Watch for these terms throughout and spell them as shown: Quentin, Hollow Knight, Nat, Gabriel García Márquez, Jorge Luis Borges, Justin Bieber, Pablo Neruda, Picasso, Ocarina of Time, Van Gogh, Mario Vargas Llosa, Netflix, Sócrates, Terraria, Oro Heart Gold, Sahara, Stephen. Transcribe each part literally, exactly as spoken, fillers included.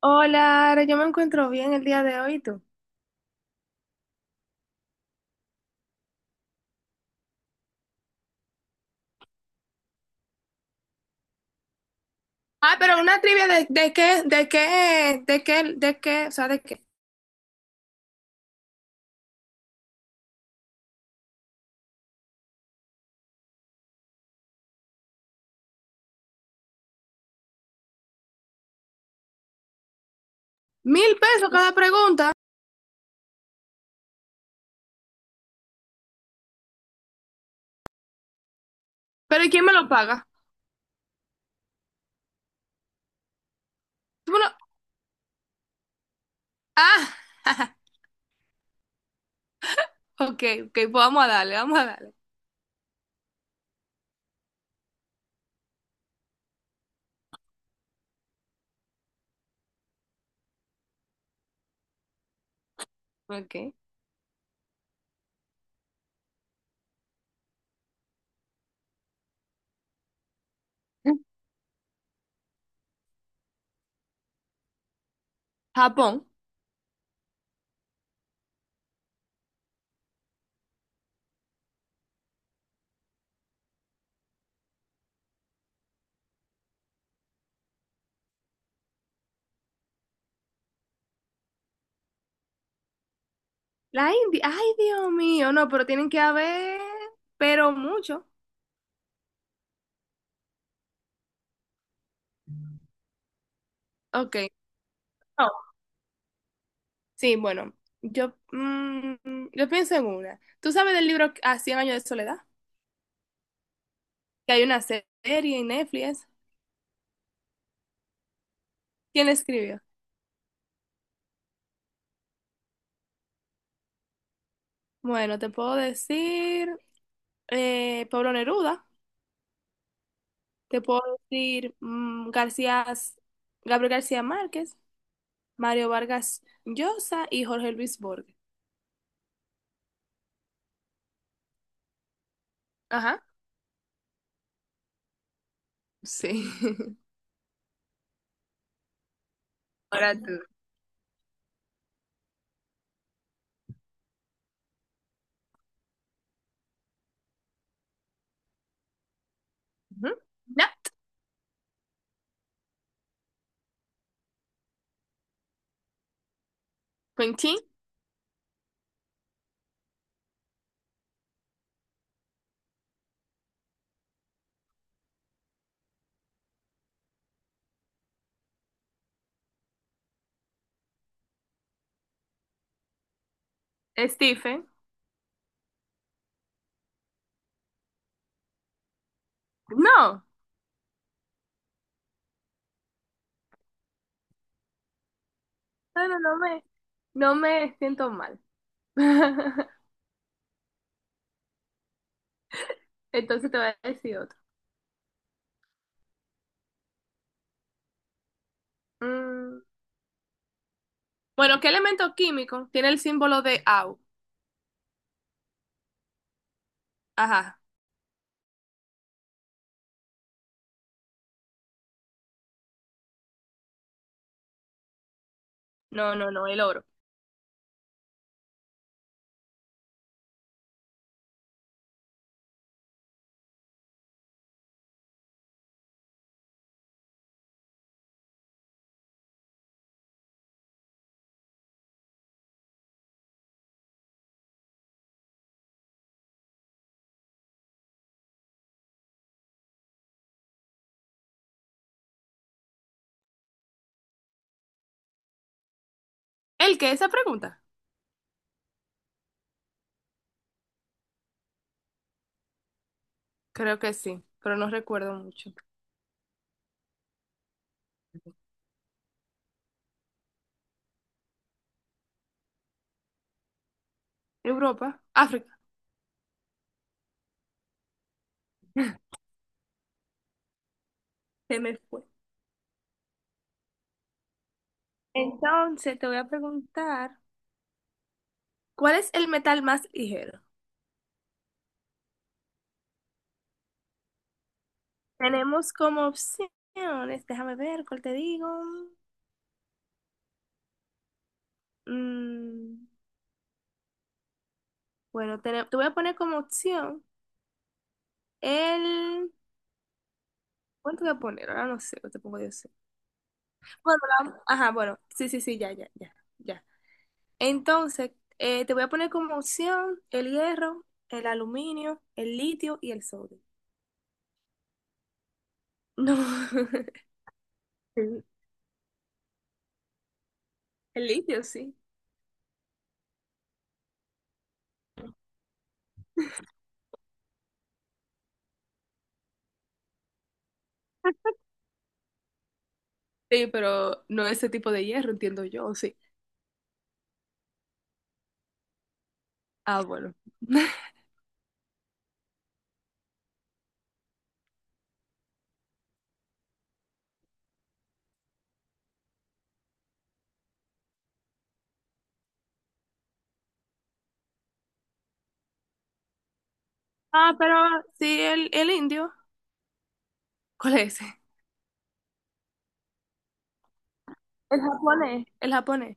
Hola, Ara, yo me encuentro bien el día de hoy, ¿y tú? Ah, pero una trivia de, de qué, de qué, de qué, de qué, o sea, de qué. Mil pesos cada pregunta, pero ¿y quién me lo paga? Tú no- Ah, ok, ok, pues vamos a darle, vamos a darle. Ok. Japón. La India, ay, Dios mío, no, pero tienen que haber, pero mucho. Ok. No. Sí, bueno, yo, mm, yo pienso en una. ¿Tú sabes del libro A cien años de soledad? Que hay una serie en Netflix. ¿Quién le escribió? Bueno, te puedo decir eh, Pablo Neruda, te puedo decir mm, García, Gabriel García Márquez, Mario Vargas Llosa y Jorge Luis Borges. Ajá, sí. Ahora tú. Ujú. Nat, Quentin, Stephen. No, no, no, no me, no me siento mal. Entonces te voy a decir otro. Mm, Bueno, ¿qué elemento químico tiene el símbolo de Au? Ajá. No, no, no, el oro. ¿El qué? Esa pregunta. Creo que sí, pero no recuerdo mucho. Europa, África, se me fue. Entonces te voy a preguntar, ¿cuál es el metal más ligero? Tenemos como opciones, déjame ver cuál te digo. Mm, bueno, tene- te, voy a poner como opción el... ¿Cuánto voy a poner? Ahora no sé, no te pongo yo sé. Bueno, la- ajá, bueno, sí, sí, sí, ya, ya, ya, ya. Entonces, eh, te voy a poner como opción el hierro, el aluminio, el litio y el sodio. No. El, el litio, sí. Sí, pero no ese tipo de hierro, entiendo yo, sí. Ah, bueno. Ah, pero sí, el, el indio. ¿Cuál es ese? El japonés. El japonés.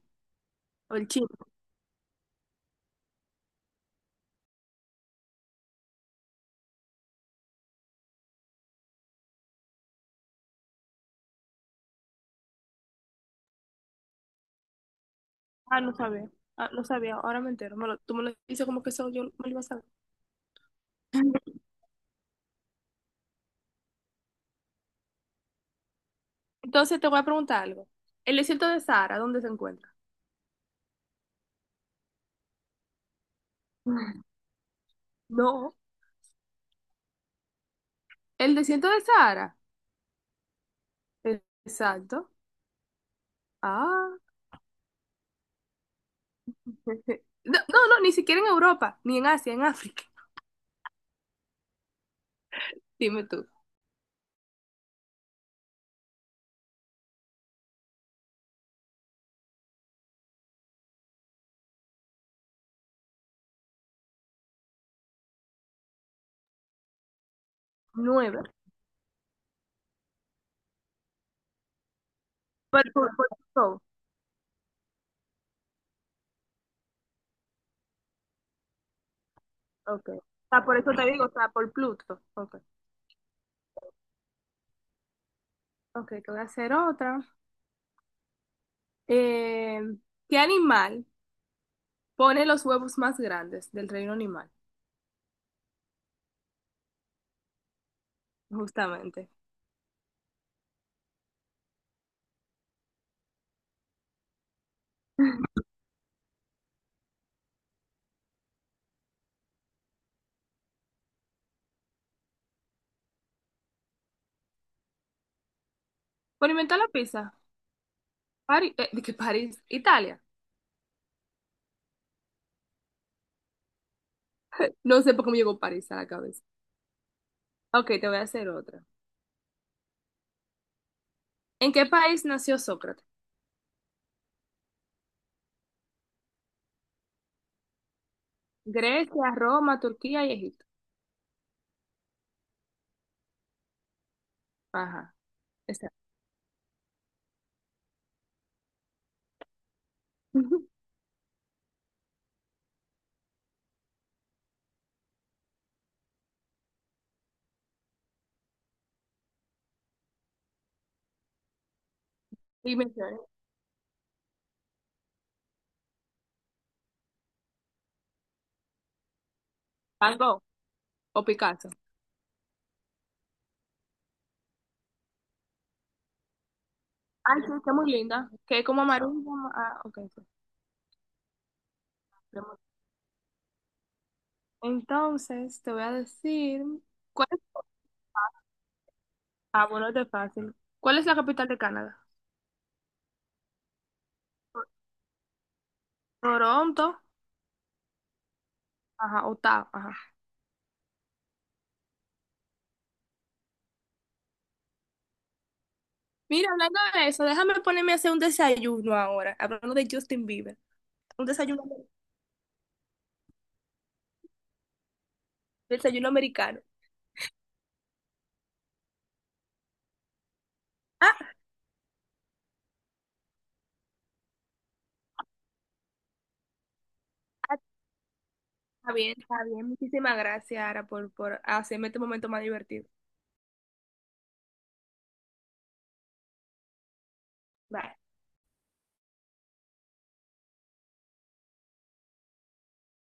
O el chino. Ah, no sabía. Ah, no sabía. Ahora me entero. Me lo- tú me lo dices como que eso yo me lo iba a saber. Entonces te voy a preguntar algo. ¿El desierto de Sahara, dónde se encuentra? No. ¿El desierto de Sahara? E- Exacto. Ah. No, no, no, ni siquiera en Europa, ni en Asia, en África. Dime tú. Nueve. Por, por, por Pluto. Okay. O sea, por eso te digo, o sea, por Pluto. Okay, ok, te voy a hacer otra. Eh, ¿qué animal pone los huevos más grandes del reino animal? Justamente. Por inventar la pizza. París, ¿de qué París? Italia. No sé por qué me llegó París a la cabeza. Ok, te voy a hacer otra. ¿En qué país nació Sócrates? Grecia, Roma, Turquía y Egipto. Ajá, exacto. Y mencioné Van Gogh o Picasso. Ay, sí, está muy linda. Que es como amarilla. Ah, ok, sí. Entonces, te voy a decir, ¿cuál es? Ah, bueno, este es fácil. ¿Cuál es la capital de Canadá? Toronto, ajá, Ottawa, ajá. Mira, hablando de eso, déjame ponerme a hacer un desayuno ahora, hablando de Justin Bieber, un desayuno, desayuno americano. Ah, ah, está bien, está bien. Muchísimas gracias, Ara, por, por hacerme este momento más divertido. Bye.